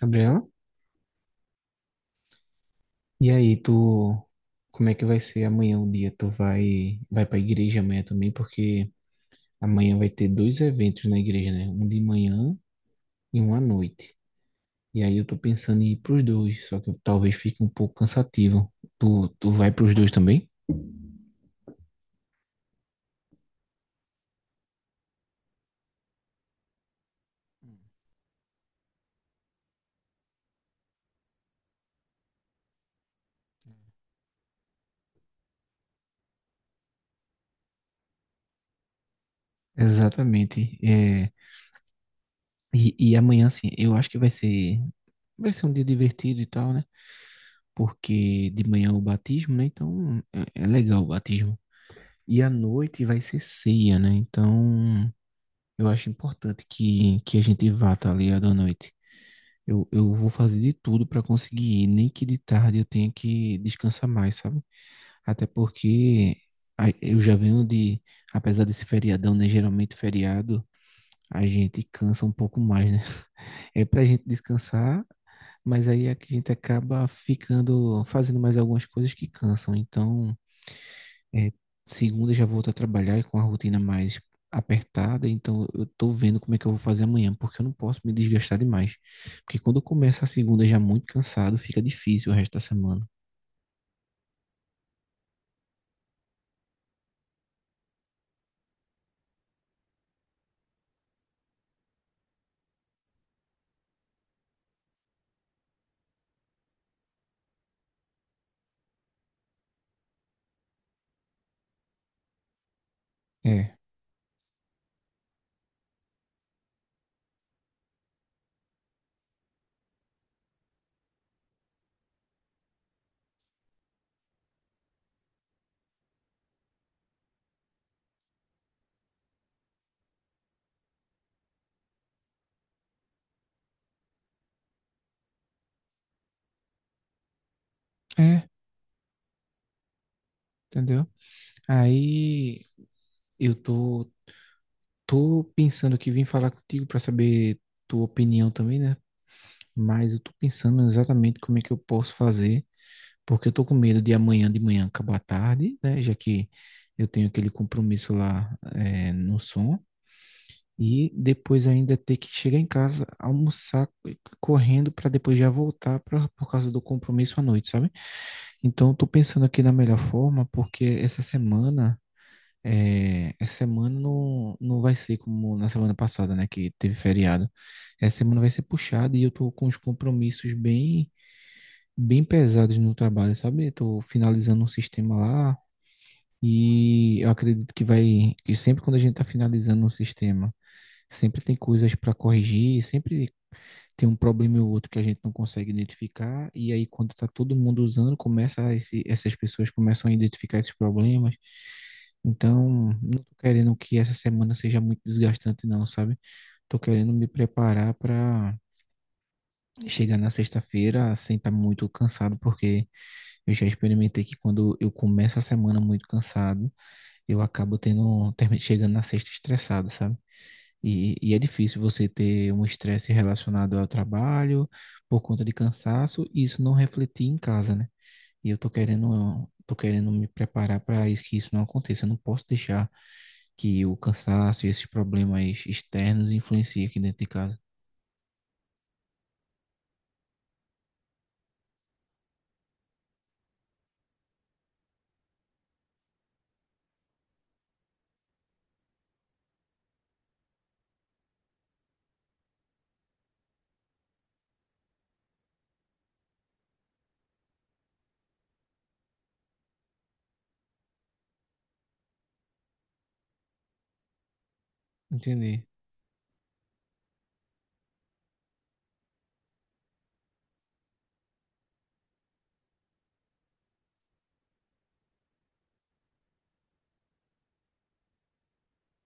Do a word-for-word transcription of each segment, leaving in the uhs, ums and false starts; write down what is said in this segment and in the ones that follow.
Gabriela, e aí, tu, como é que vai ser amanhã o dia? Tu vai, vai pra igreja amanhã também? Porque amanhã vai ter dois eventos na igreja, né? Um de manhã e um à noite. E aí eu tô pensando em ir pros dois, só que talvez fique um pouco cansativo. Tu, tu vai pros dois também? Exatamente. É, e, e amanhã, assim, eu acho que vai ser, vai ser um dia divertido e tal, né? Porque de manhã é o batismo, né? Então é é legal o batismo. E à noite vai ser ceia, né? Então eu acho importante que, que a gente vá, tá ligado, à noite. Eu, eu vou fazer de tudo para conseguir ir, nem que de tarde eu tenha que descansar mais, sabe? Até porque a- eu já venho de, apesar desse feriadão, né? Geralmente feriado, a gente cansa um pouco mais, né? É pra gente descansar, mas aí é que a gente acaba ficando, fazendo mais algumas coisas que cansam. Então, é, segunda eu já volto a trabalhar com a rotina mais apertada, então eu tô vendo como é que eu vou fazer amanhã, porque eu não posso me desgastar demais. Porque quando eu começo a segunda já muito cansado, fica difícil o resto da semana. É, é, entendeu? Aí eu tô, tô pensando que vim falar contigo para saber tua opinião também, né? Mas eu tô pensando exatamente como é que eu posso fazer, porque eu tô com medo de amanhã de manhã acabar tarde, né? Já que eu tenho aquele compromisso lá, é, no som. E depois ainda ter que chegar em casa, almoçar c- correndo para depois já voltar pra, por causa do compromisso à noite, sabe? Então, eu tô pensando aqui na melhor forma, porque essa semana, é, essa semana não, não vai ser como na semana passada, né, que teve feriado. Essa semana vai ser puxada e eu tô com os compromissos bem, bem pesados no trabalho, sabe? Eu tô finalizando um sistema lá. E eu acredito que vai, que sempre quando a gente está finalizando um sistema sempre tem coisas para corrigir, sempre tem um problema e outro que a gente não consegue identificar, e aí quando está todo mundo usando, começa esse- essas pessoas começam a identificar esses problemas. Então, não tô querendo que essa semana seja muito desgastante, não, sabe? Tô querendo me preparar para chegar na sexta-feira sem estar muito cansado, porque eu já experimentei que quando eu começo a semana muito cansado, eu acabo tendo, termi- chegando na sexta estressado, sabe? E, e é difícil você ter um estresse relacionado ao trabalho por conta de cansaço e isso não refletir em casa, né? E eu tô querendo, tô querendo me preparar para isso, que isso não aconteça. Eu não posso deixar que o cansaço e esses problemas externos influenciem aqui dentro de casa. Entendi.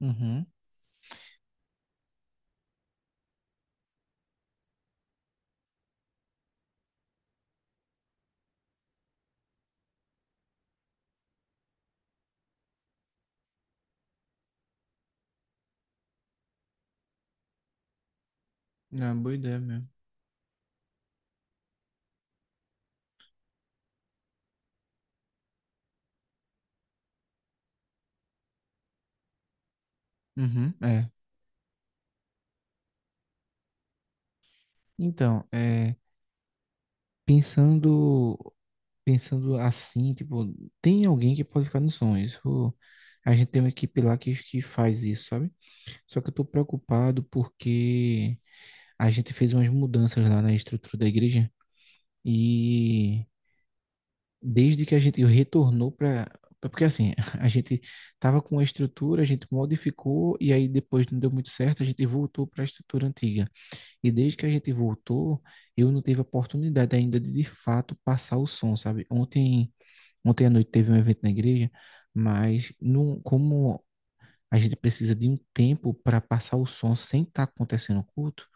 Uhum. É boa ideia mesmo. Uhum. É. Então, é, pensando, pensando assim, tipo, tem alguém que pode ficar no sonho. Isso, a gente tem uma equipe lá que, que faz isso, sabe? Só que eu tô preocupado porque a gente fez umas mudanças lá na estrutura da igreja e desde que a gente retornou para, porque assim, a gente tava com a estrutura, a gente modificou e aí depois não deu muito certo, a gente voltou para a estrutura antiga. E desde que a gente voltou, eu não tive a oportunidade ainda de de fato passar o som, sabe? Ontem, ontem à noite teve um evento na igreja, mas não, como a gente precisa de um tempo para passar o som sem estar acontecendo o culto,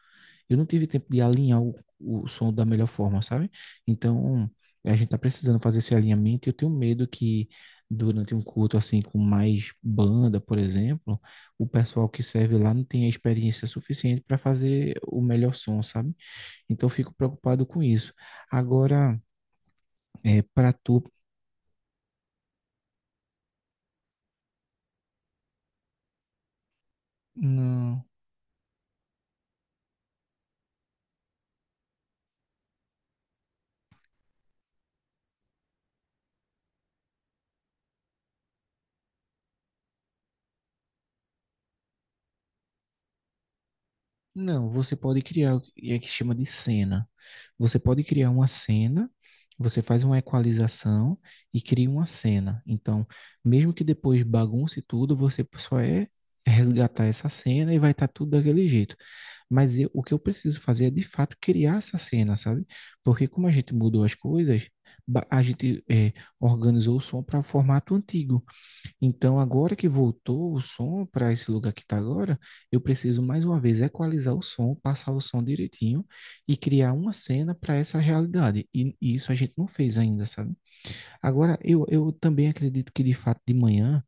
eu não tive tempo de alinhar o, o som da melhor forma, sabe? Então, a gente tá precisando fazer esse alinhamento e eu tenho medo que durante um culto assim com mais banda, por exemplo, o pessoal que serve lá não tenha experiência suficiente para fazer o melhor som, sabe? Então, eu fico preocupado com isso. Agora, é, para tu, não. Não, você pode criar o que é que chama de cena. Você pode criar uma cena, você faz uma equalização e cria uma cena. Então, mesmo que depois bagunce tudo, você só é resgatar essa cena e vai estar tudo daquele jeito. Mas eu- o que eu preciso fazer é de fato criar essa cena, sabe? Porque como a gente mudou as coisas, ba- a gente eh, organizou o som para o formato antigo. Então, agora que voltou o som para esse lugar que está agora, eu preciso mais uma vez equalizar o som, passar o som direitinho e criar uma cena para essa realidade. E, e isso a gente não fez ainda, sabe? Agora, eu, eu também acredito que de fato de manhã,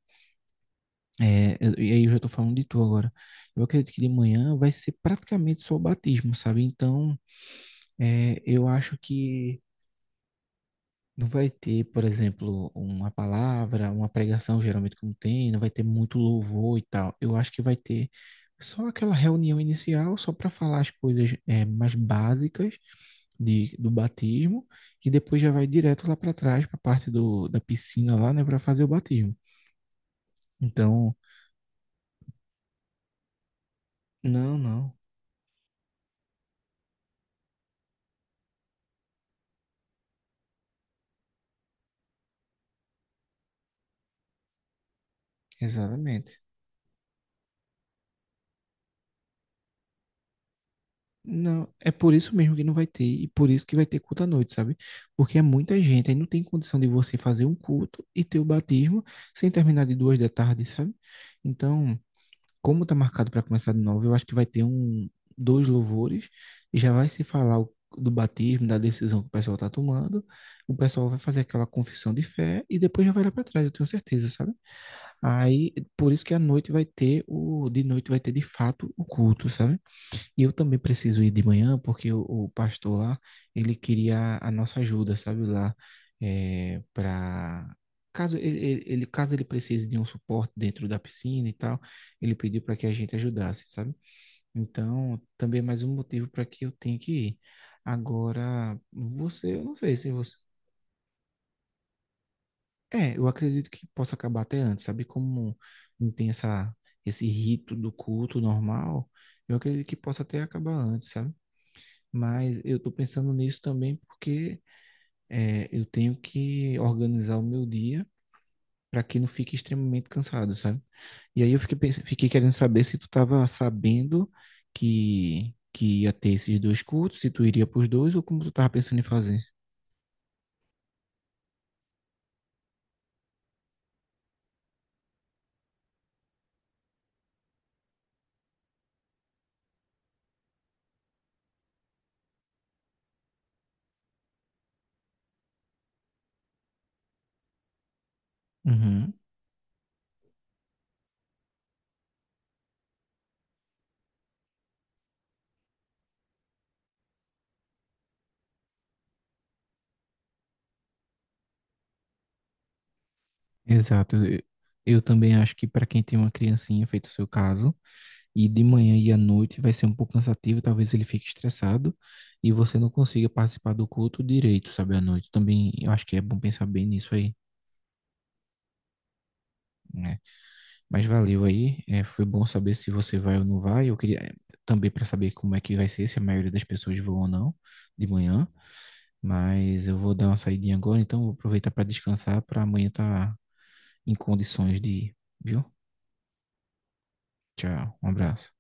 é, eu- e aí eu já estou falando de tu agora, eu acredito que de manhã vai ser praticamente só o batismo, sabe? Então, é, eu acho que não vai ter, por exemplo, uma palavra, uma pregação, geralmente como tem, não vai ter muito louvor e tal. Eu acho que vai ter só aquela reunião inicial, só para falar as coisas eh, mais básicas de, do batismo, e depois já vai direto lá para trás, para a parte do, da piscina lá, né, para fazer o batismo. Então, não, não, exatamente. Não, é por isso mesmo que não vai ter, e por isso que vai ter culto à noite, sabe? Porque é muita gente, aí não tem condição de você fazer um culto e ter o batismo sem terminar de duas da tarde, sabe? Então, como tá marcado para começar de novo, eu acho que vai ter um, dois louvores, e já vai se falar o- do batismo, da decisão que o pessoal tá tomando, o pessoal vai fazer aquela confissão de fé e depois já vai lá para trás, eu tenho certeza, sabe? Aí, por isso que à noite vai ter o, de noite vai ter de fato o culto, sabe? E eu também preciso ir de manhã, porque o, o pastor lá, ele queria a nossa ajuda, sabe, lá, é, para caso ele, ele- ele- caso ele precise de um suporte dentro da piscina e tal, ele pediu para que a gente ajudasse, sabe? Então, também é mais um motivo para que eu tenha que ir. Agora, você, eu não sei se você. É, eu acredito que possa acabar até antes, sabe? Como não tem essa, esse rito do culto normal, eu acredito que possa até acabar antes, sabe? Mas eu estou pensando nisso também porque é, eu tenho que organizar o meu dia para que não fique extremamente cansado, sabe? E aí eu fiquei, pens- fiquei querendo saber se tu estava sabendo que, que ia ter esses dois cultos, se tu iria para os dois ou como tu estava pensando em fazer. Uhum, exato. Eu, eu também acho que para quem tem uma criancinha, feito o seu caso, e de manhã e à noite vai ser um pouco cansativo, talvez ele fique estressado e você não consiga participar do culto direito, sabe, à noite. Também eu acho que é bom pensar bem nisso aí, né? Mas valeu aí, é, foi bom saber se você vai ou não vai. Eu queria é, também para saber como é que vai ser, se a maioria das pessoas vão ou não de manhã, mas eu vou dar uma saidinha agora, então vou aproveitar para descansar para amanhã estar tá em condições de ir, viu? Tchau, um abraço.